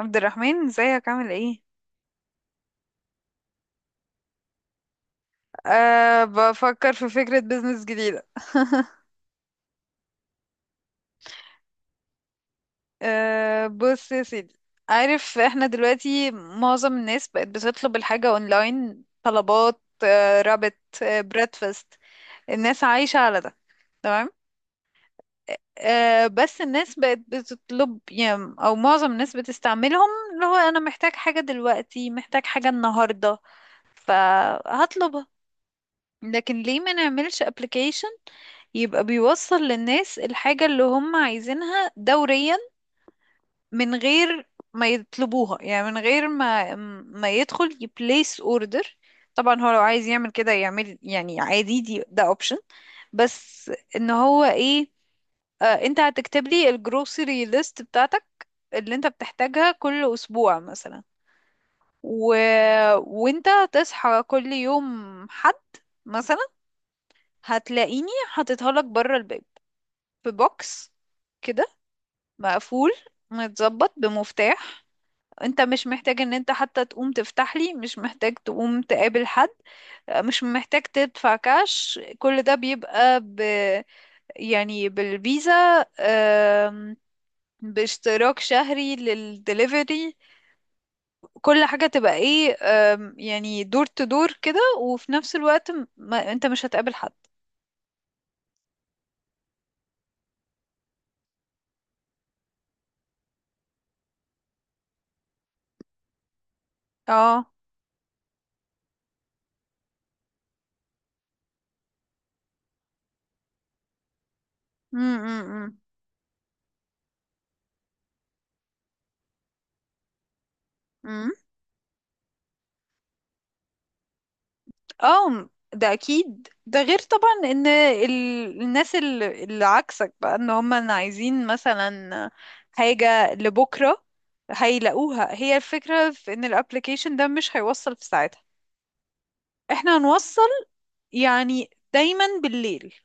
عبد الرحمن، ازيك؟ عامل ايه؟ بفكر في فكرة بيزنس جديدة. بص يا سيدي، عارف احنا دلوقتي معظم الناس بقت بتطلب الحاجة اونلاين، طلبات، رابط، بريدفاست، الناس عايشة على ده، تمام. بس الناس بقت بتطلب، يعني او معظم الناس بتستعملهم، اللي هو انا محتاج حاجة دلوقتي، محتاج حاجة النهاردة، فهطلبها. لكن ليه ما نعملش application؟ يبقى بيوصل للناس الحاجة اللي هم عايزينها دوريا، من غير ما يطلبوها، يعني من غير ما يدخل يبليس اوردر. طبعا هو لو عايز يعمل كده يعمل، يعني عادي، ده اوبشن. بس ان هو ايه، انت هتكتب لي الجروسري ليست بتاعتك، اللي انت بتحتاجها كل اسبوع مثلا. و... وانت تصحى كل يوم، حد مثلا، هتلاقيني حاططها لك بره الباب، في بوكس كده، مقفول، متظبط بمفتاح. انت مش محتاج ان انت حتى تقوم تفتح لي، مش محتاج تقوم تقابل حد، مش محتاج تدفع كاش. كل ده بيبقى يعني بالفيزا، آم، باشتراك شهري للدليفري. كل حاجة تبقى ايه، يعني دور تدور كده، وفي نفس الوقت م- ما... انت مش هتقابل حد. اه. م- م- م- م. اه. ده اكيد، ده غير طبعا ان الناس، اللي عكسك بقى ان هم عايزين مثلا حاجة لبكرة، هيلاقوها. هي الفكرة في ان الابليكيشن ده مش هيوصل في ساعتها، احنا هنوصل يعني دايما بالليل،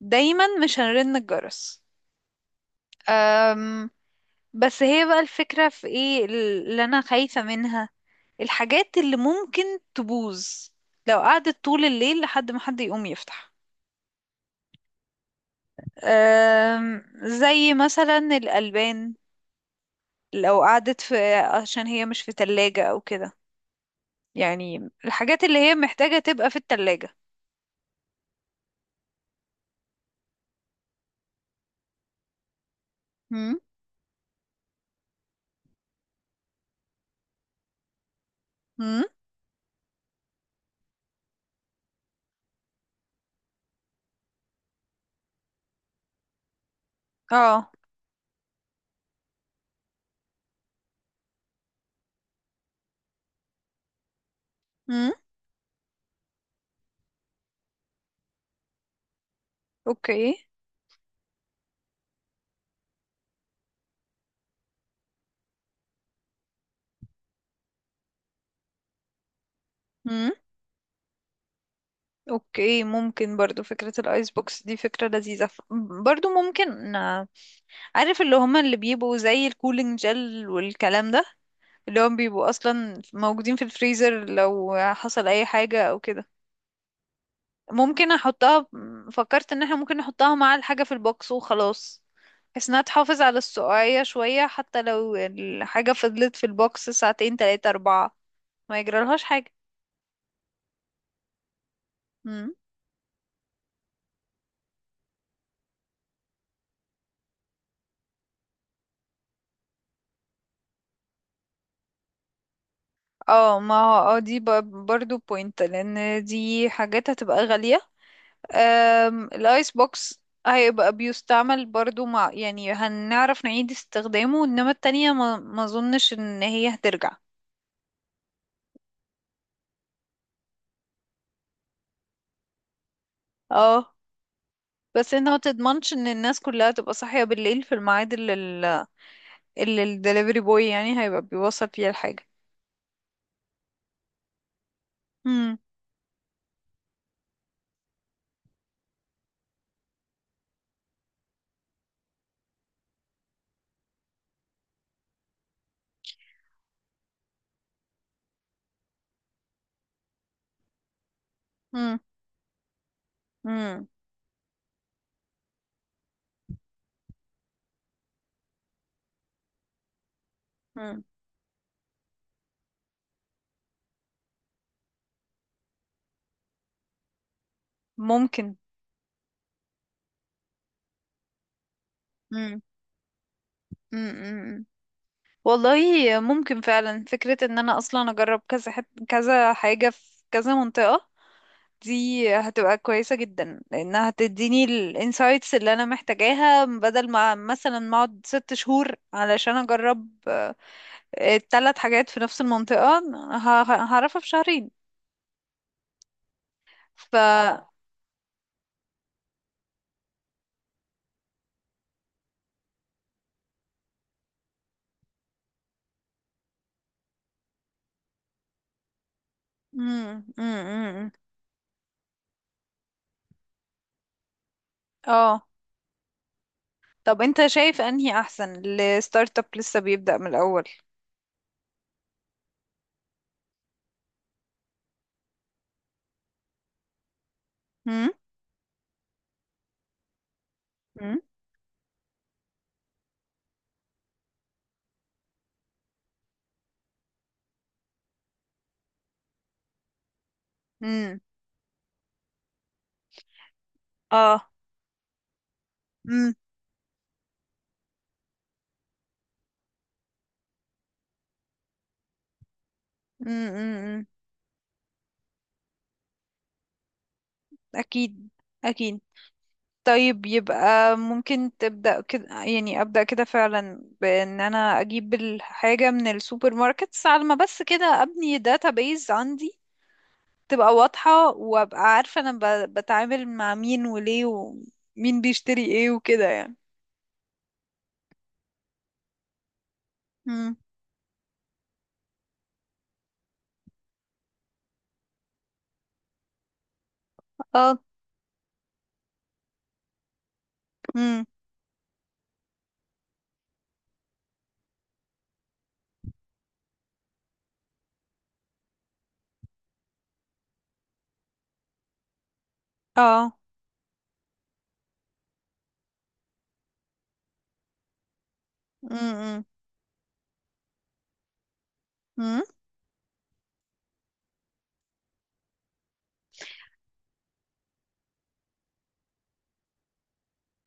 دايما مش هنرن الجرس. أم بس هي بقى الفكرة في ايه اللي انا خايفة منها، الحاجات اللي ممكن تبوظ لو قعدت طول الليل لحد ما حد يقوم يفتح. زي مثلا الألبان، لو قعدت في، عشان هي مش في تلاجة أو كده، يعني الحاجات اللي هي محتاجة تبقى في التلاجة. مم. امم. اه. امم. اوكي. امم. اوكي، ممكن برضو فكرة الايس بوكس دي فكرة لذيذة، برضو ممكن. عارف اللي هما اللي بيبقوا زي الكولينج جل والكلام ده، اللي هم بيبقوا اصلا موجودين في الفريزر، لو حصل اي حاجة او كده ممكن احطها. فكرت ان احنا ممكن نحطها مع الحاجة في البوكس وخلاص، بحيث انها تحافظ على السقعية شوية، حتى لو الحاجة فضلت في البوكس ساعتين تلاتة اربعة ما يجرالهاش حاجة. مم. اه، ما هو، اه دي برضو بوينت، لان دي حاجات هتبقى غالية. الايس بوكس هيبقى بيستعمل برضو، مع يعني هنعرف نعيد استخدامه، انما التانية ما اظنش ان هي هترجع. اه. بس انت ما تضمنش ان الناس كلها تبقى صاحية بالليل في الميعاد اللي الدليفري بوي يعني هيبقى بيوصل فيها الحاجة. مم. مم. مم. مم. ممكن. مم. مم. مم. والله ممكن فعلا فكرة ان انا اصلا اجرب كذا كذا حاجة في كذا منطقة، دي هتبقى كويسة جدا لانها هتديني الانسايتس اللي انا محتاجاها، بدل ما مثلا ما اقعد 6 شهور علشان اجرب الثلاث حاجات في نفس المنطقة، هعرفها في شهرين. ف مم، مم، مم. اه. طب انت شايف انهي احسن؟ الستارت اب لسه بيبدأ من الاول. مم؟ مم؟ مم. اه. مم. مم، مم، مم. اكيد، اكيد. طيب، يبقى ممكن تبدأ كده، يعني أبدأ كده فعلا بأن أنا أجيب الحاجة من السوبر ماركتس، على ما بس كده أبني بيز عندي، تبقى واضحة وأبقى عارفة أنا بتعامل مع مين وليه ومين بيشتري إيه وكده يعني. مم. اه. امم. اه. امم. امم.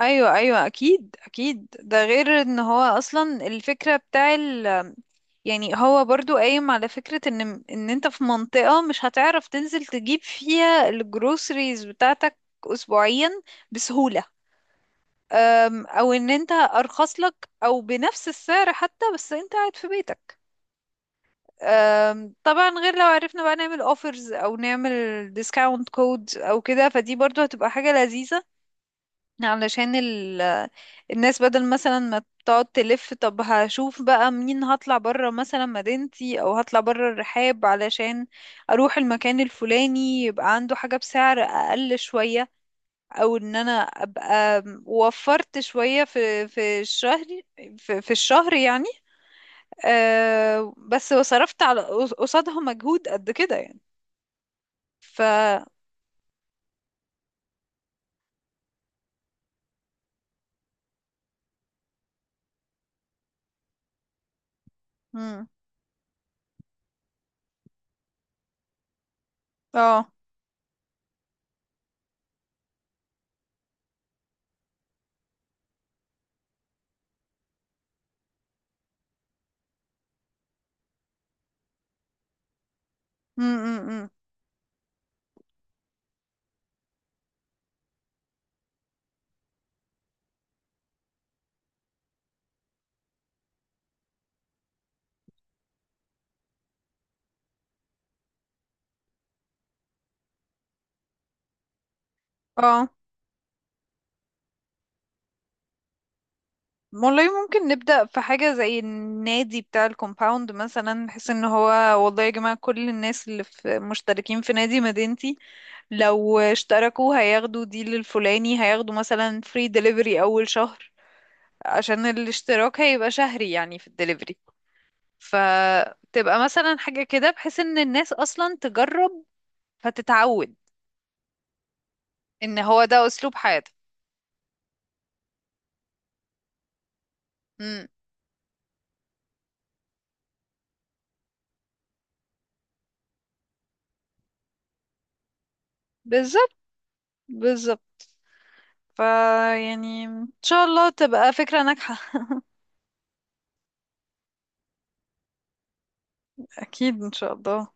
ايوه، ايوه، اكيد، اكيد، ده غير ان هو اصلا الفكره بتاع يعني هو برضو قايم على فكره ان انت في منطقه مش هتعرف تنزل تجيب فيها الجروسريز بتاعتك اسبوعيا، بسهوله. او ان انت ارخص لك او بنفس السعر حتى بس انت قاعد في بيتك. طبعا غير لو عرفنا بقى نعمل اوفرز او نعمل ديسكاونت كود او كده، فدي برضو هتبقى حاجه لذيذه، علشان الناس بدل مثلا ما تقعد تلف. طب هشوف بقى منين، هطلع برا مثلا مدينتي او هطلع برا الرحاب علشان اروح المكان الفلاني يبقى عنده حاجة بسعر اقل شوية، او ان انا ابقى وفرت شوية في الشهر، في الشهر يعني. بس وصرفت على قصادها مجهود قد كده يعني. ف مم. اه. مم، مم، مم، آه. والله ممكن نبدأ في حاجة زي النادي بتاع الكومباوند مثلا، نحس ان هو والله يا جماعة كل الناس اللي في مشتركين في نادي مدينتي لو اشتركوا هياخدوا ديل الفلاني، هياخدوا مثلا فري دليفري أول شهر، عشان الاشتراك هيبقى شهري يعني في الدليفري، فتبقى مثلا حاجة كده بحيث ان الناس أصلا تجرب، فتتعود ان هو ده أسلوب حياتها. مم. بالظبط، بالظبط، فيعني ان شاء الله تبقى فكرة ناجحة. أكيد إن شاء الله.